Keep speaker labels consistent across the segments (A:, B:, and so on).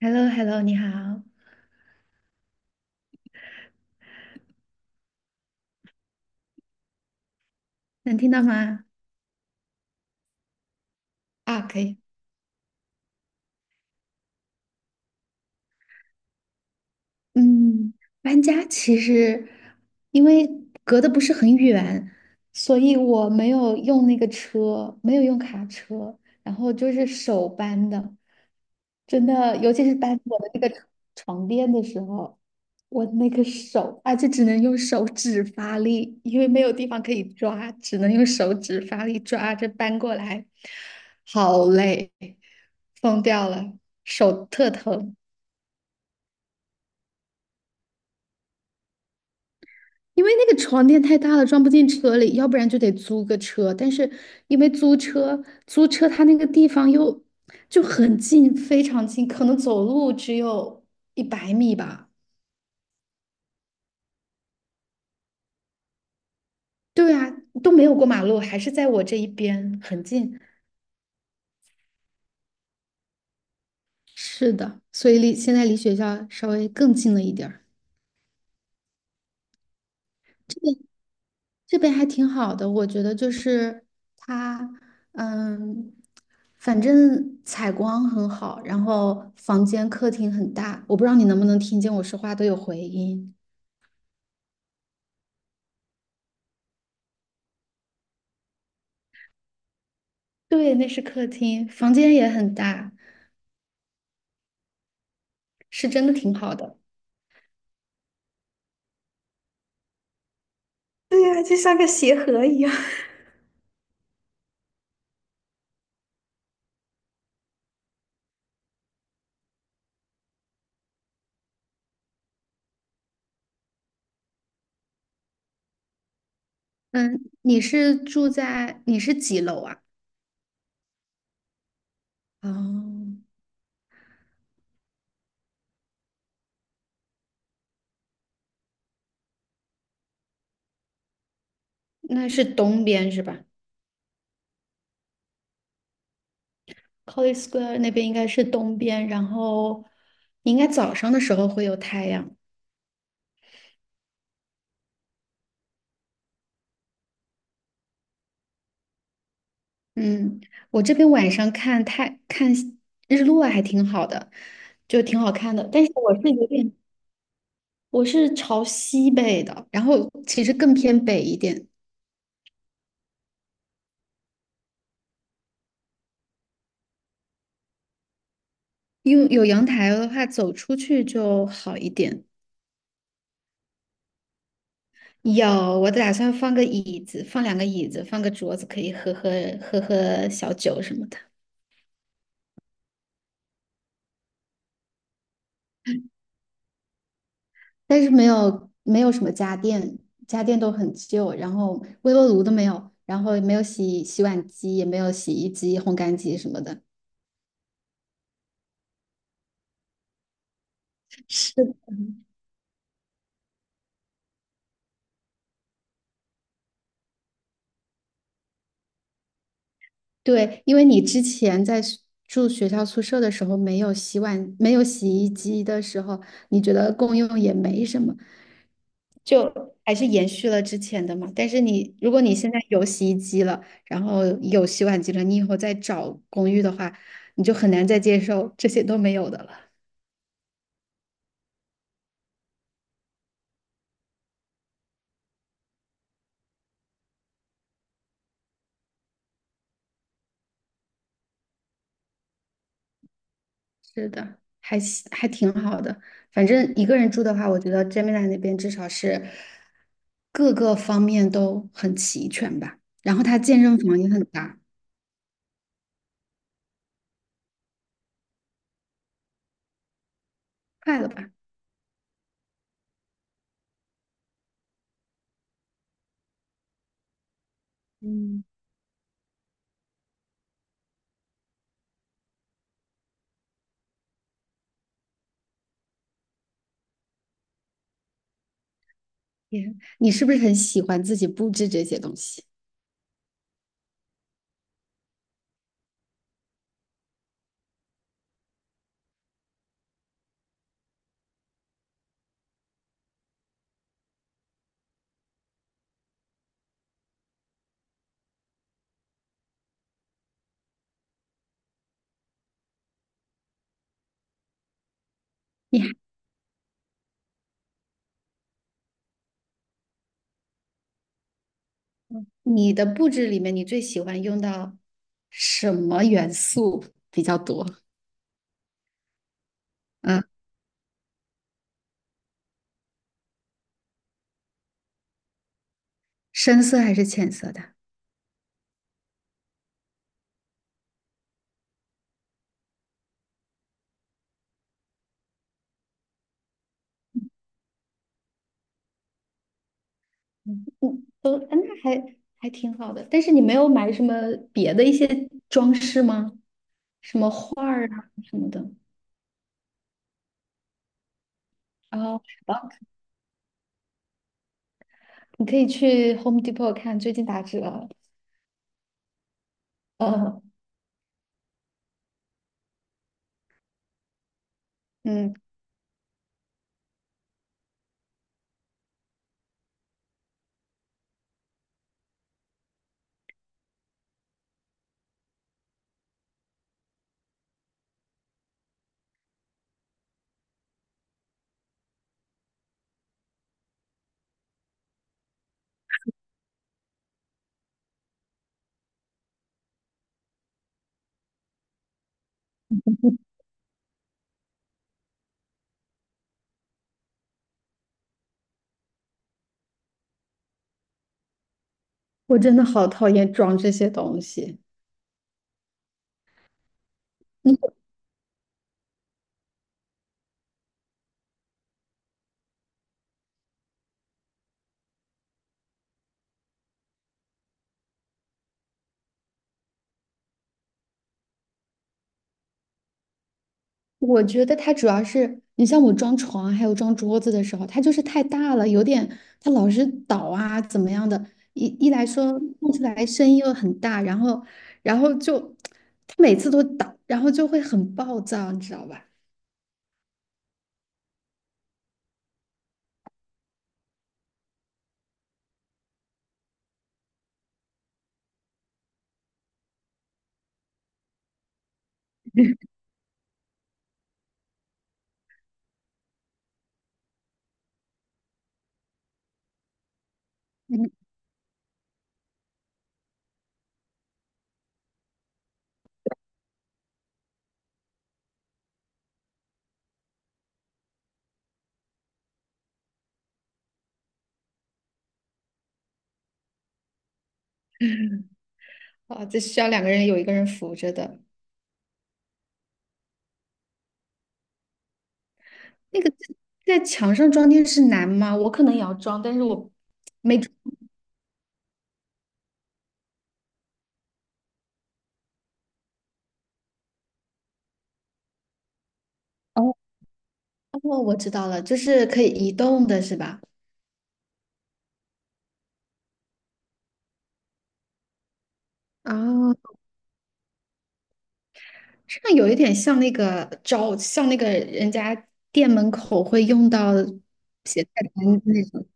A: h e l l o h e l l o 你好，能听到吗？啊，可以，嗯，搬家其实因为隔得不是很远，所以我没有用那个车，没有用卡车，然后就是手搬的，真的，尤其是搬我的那个床垫的时候，我那个手，而且只能用手指发力，因为没有地方可以抓，只能用手指发力抓着搬过来，好累，疯掉了，手特疼。因为那个床垫太大了，装不进车里，要不然就得租个车。但是因为租车它那个地方又就很近，非常近，可能走路只有100米吧。对啊，都没有过马路，还是在我这一边，很近。是的，所以离现在离学校稍微更近了一点儿。这边还挺好的，我觉得就是它，嗯，反正采光很好，然后房间客厅很大，我不知道你能不能听见我说话都有回音。对，那是客厅，房间也很大，是真的挺好的。对呀，就像个鞋盒一样。嗯，你是几楼啊？哦，那是东边是吧？College Square 那边应该是东边，然后你应该早上的时候会有太阳。嗯，我这边晚上看日落还挺好的，就挺好看的。但是我是有点，我是朝西北的，然后其实更偏北一点，因为有阳台的话，走出去就好一点。有，我打算放个椅子，放两个椅子，放个桌子，可以喝喝小酒什么的。但是没有什么家电，家电都很旧，然后微波炉都没有，然后也没有洗碗机，也没有洗衣机、烘干机什么的。是，对，因为你之前住学校宿舍的时候，没有洗碗，没有洗衣机的时候，你觉得共用也没什么，就还是延续了之前的嘛。但是你，如果你现在有洗衣机了，然后有洗碗机了，你以后再找公寓的话，你就很难再接受这些都没有的了。是的，还行还挺好的。反正一个人住的话，我觉得 Gemini 那边至少是各个方面都很齐全吧。然后它健身房也很大，快了吧？嗯，你是不是很喜欢自己布置这些东西？你还你的布置里面，你最喜欢用到什么元素比较多？嗯，深色还是浅色的？嗯，嗯都，那还挺好的。但是你没有买什么别的一些装饰吗？什么画儿啊什么的。哦，好吧，你可以去 Home Depot 看，最近打折哦，呃嗯，我真的好讨厌装这些东西。嗯我觉得它主要是你像我装床还有装桌子的时候，它就是太大了，有点它老是倒啊怎么样的。一来说弄出来声音又很大，然后就它每次都倒，然后就会很暴躁，你知道吧？嗯，啊，这需要两个人有一个人扶着的。那个在墙上装电视难吗？我可能也要装，但是我没装。哦哦，我知道了，就是可以移动的是吧？啊，这个有一点像那个招，像那个人家店门口会用到写菜单的那种。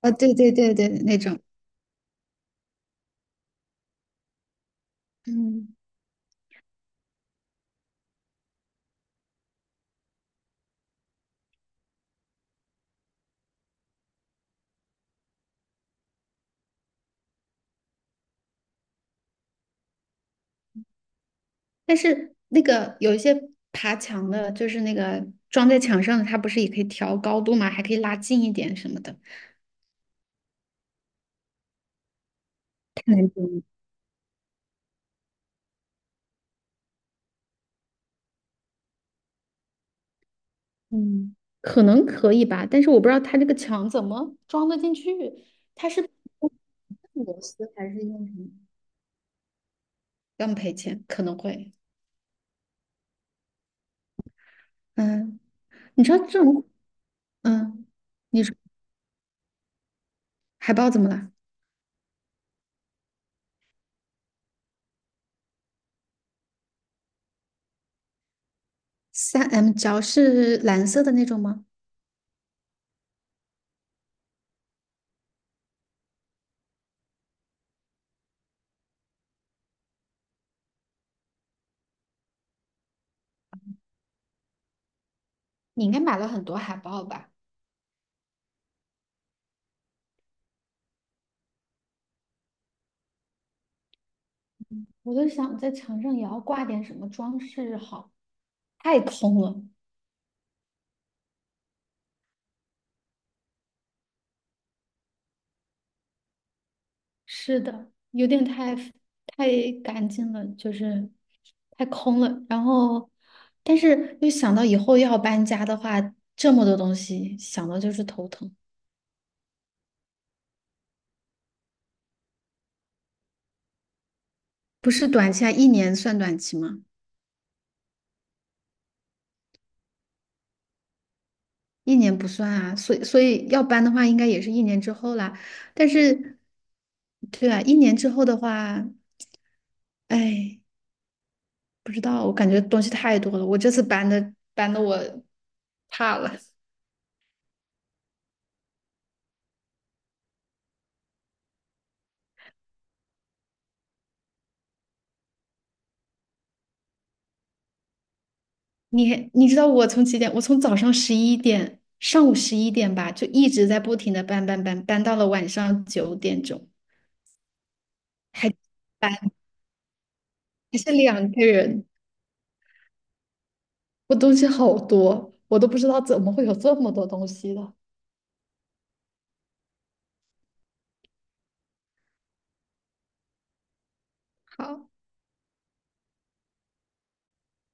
A: 啊，对对对对，那种。嗯，但是那个有一些爬墙的，就是那个装在墙上的，它不是也可以调高度吗？还可以拉近一点什么的。嗯，可能可以吧，但是我不知道它这个墙怎么装得进去，螺丝还是用什么？要赔钱，可能会。嗯，你说这种，嗯，你说海报怎么了？三 m 胶是蓝色的那种吗？你应该买了很多海报吧？我就想在墙上也要挂点什么装饰好，太空了。是的，有点太干净了，就是太空了。然后，但是又想到以后要搬家的话，这么多东西，想到就是头疼。不是短期啊，一年算短期吗？一年不算啊，所以要搬的话，应该也是一年之后啦。但是，对啊，一年之后的话，哎，不知道，我感觉东西太多了。我这次搬的我怕了。你知道我从几点？我从早上11点，上午11点吧，就一直在不停的搬，搬到了晚上9点钟，还搬，还是两个人，我东西好多，我都不知道怎么会有这么多东西的。好。